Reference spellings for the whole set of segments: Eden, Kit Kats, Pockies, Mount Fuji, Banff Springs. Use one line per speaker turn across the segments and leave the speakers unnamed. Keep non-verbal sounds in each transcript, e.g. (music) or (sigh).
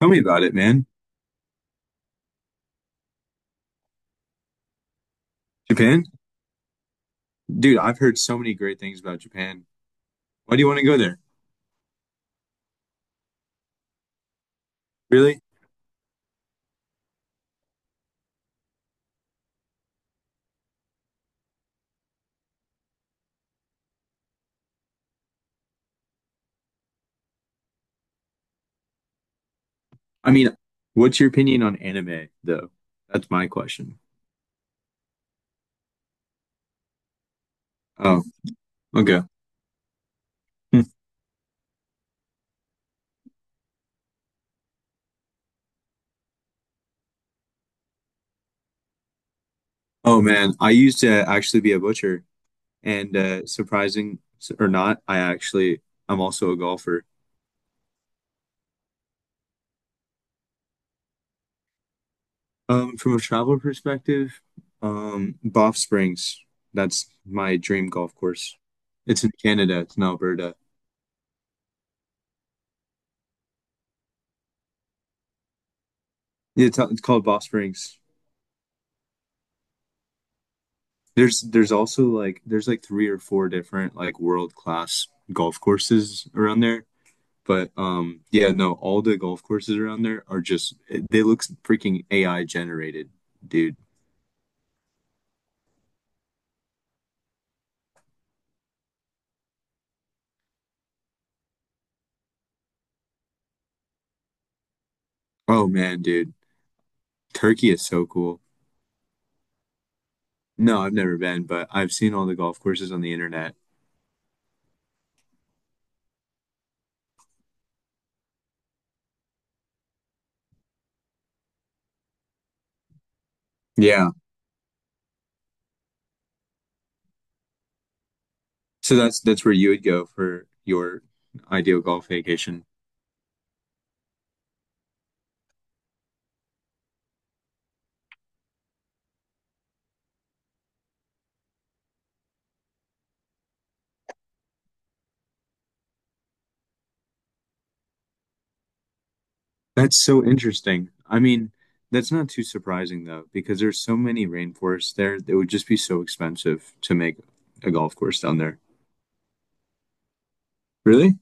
Tell me about it, man. Japan? Dude, I've heard so many great things about Japan. Why do you want to go there? Really? I mean, what's your opinion on anime, though? That's my question. Oh, okay. Hmm. Oh, man. I used to actually be a butcher, and surprising or not, I actually, I'm also a golfer. From a travel perspective, Banff Springs, that's my dream golf course. It's in Canada, it's in Alberta. Yeah, it's called Banff Springs. There's also like there's like three or four different like world class golf courses around there. But yeah, no, all the golf courses around there are just they look freaking AI generated, dude. Oh man, dude. Turkey is so cool. No, I've never been, but I've seen all the golf courses on the internet. Yeah. So that's where you would go for your ideal golf vacation. That's so interesting. I mean, that's not too surprising though, because there's so many rainforests there. It would just be so expensive to make a golf course down there. Really?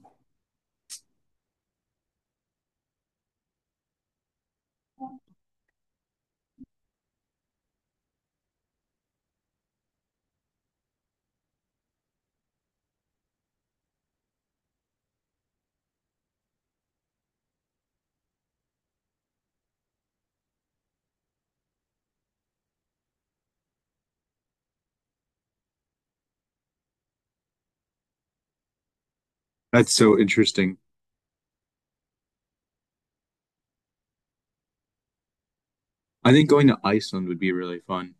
That's so interesting. I think going to Iceland would be really fun.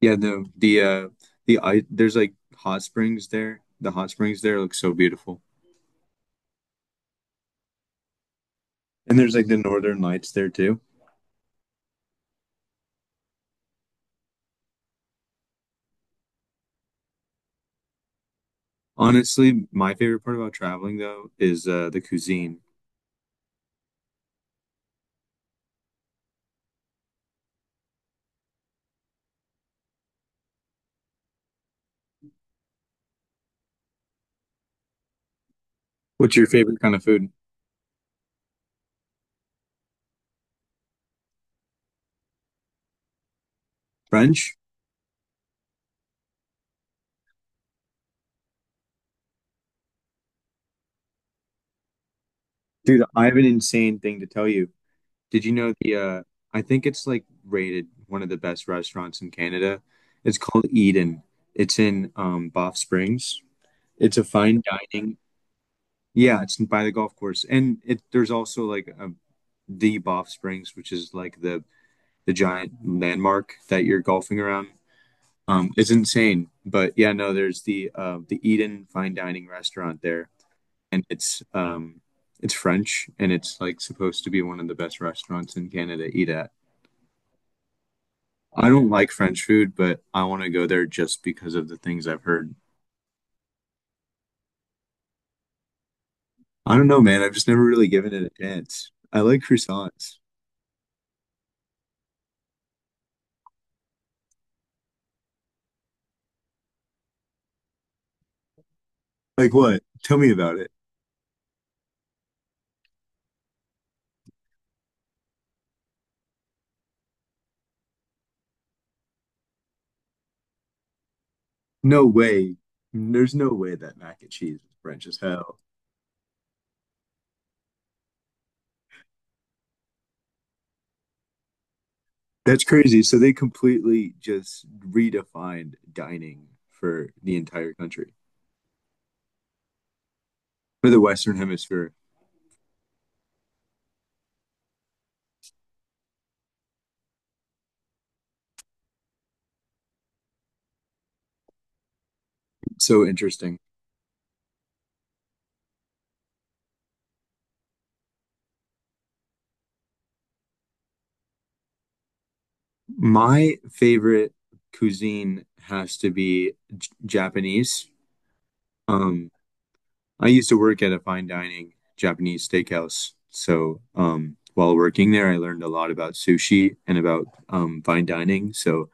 Yeah, there's like hot springs there. The hot springs there look so beautiful. And there's like the northern lights there too. Honestly, my favorite part about traveling though is the cuisine. What's your favorite kind of food? French? Dude, I have an insane thing to tell you. Did you know the I think it's like rated one of the best restaurants in Canada. It's called Eden. It's in Banff Springs. It's a fine dining. Yeah, it's by the golf course. And it there's also like a, the Banff Springs, which is like the giant landmark that you're golfing around. It's insane. But yeah, no, there's the Eden fine dining restaurant there and it's French and it's like supposed to be one of the best restaurants in Canada to eat at. I don't like French food, but I want to go there just because of the things I've heard. I don't know, man. I've just never really given it a chance. I like croissants. Like what? Tell me about it. No way. There's no way that mac and cheese is French as hell. That's crazy. So they completely just redefined dining for the entire country, for the Western Hemisphere. So interesting. My favorite cuisine has to be J Japanese. Um, I used to work at a fine dining Japanese steakhouse. So, while working there, I learned a lot about sushi and about fine dining. So,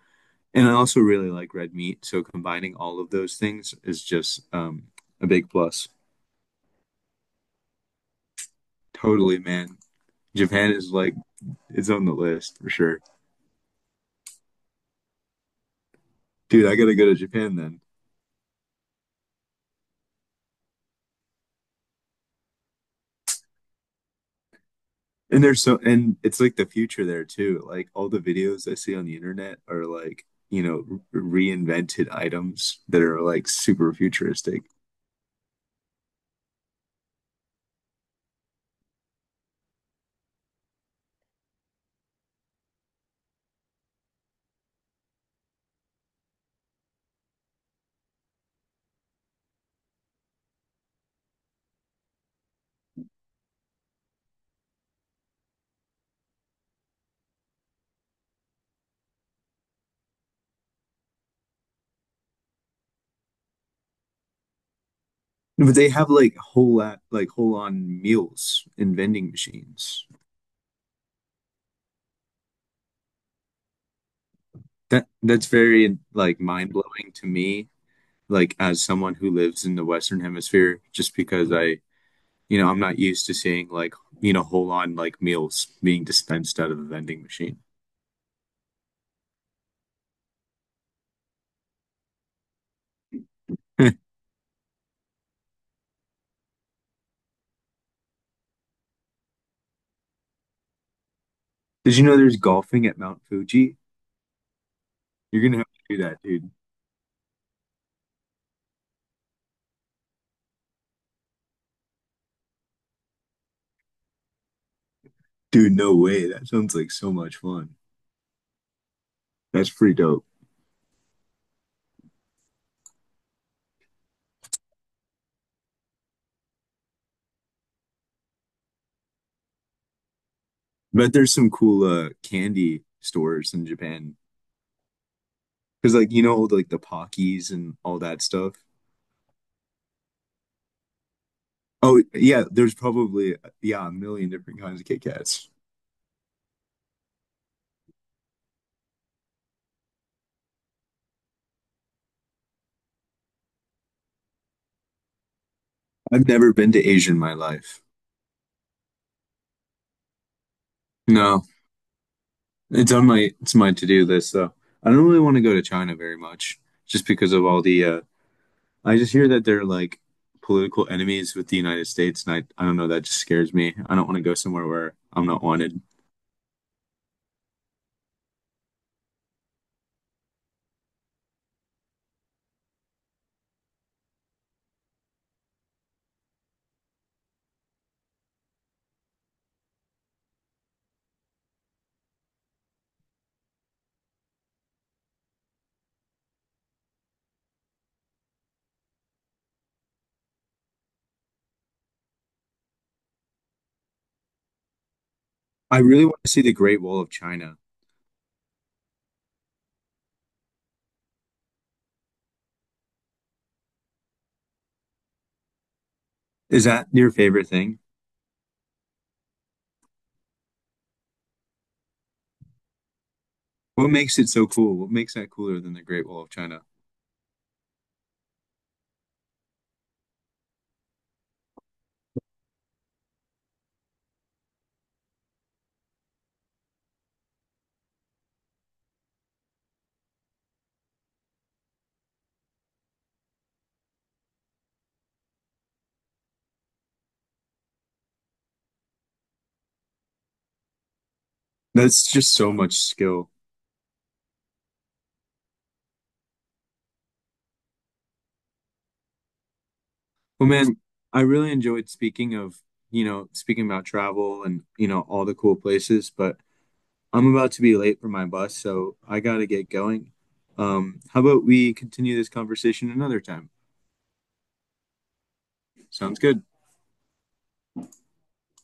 and I also really like red meat. So, combining all of those things is just a big plus. Totally, man. Japan is like, it's on the list for sure. Dude, I gotta go to Japan then. And there's so, and it's like the future there too. Like, all the videos I see on the internet are like, you know, reinvented items that are like super futuristic. No, but they have like like whole on meals in vending machines. That's very like mind blowing to me, like as someone who lives in the Western Hemisphere, just because I, you know, I'm not used to seeing like, you know, whole on like meals being dispensed out of a vending machine. (laughs) Did you know there's golfing at Mount Fuji? You're gonna have to do that, dude. Dude, no way. That sounds like so much fun. That's pretty dope. But there's some cool candy stores in Japan. Because like you know like the Pockies and all that stuff. Oh yeah, there's probably yeah a million different kinds of Kit Kats. I've never been to Asia in my life. No, it's my to-do list though. I don't really want to go to China very much just because of all the I just hear that they're like political enemies with the United States and I don't know, that just scares me. I don't want to go somewhere where I'm not wanted. I really want to see the Great Wall of China. Is that your favorite thing? What makes it so cool? What makes that cooler than the Great Wall of China? That's just so much skill. Well, man, I really enjoyed speaking of, you know, speaking about travel and, you know, all the cool places, but I'm about to be late for my bus, so I gotta get going. How about we continue this conversation another time? Sounds good.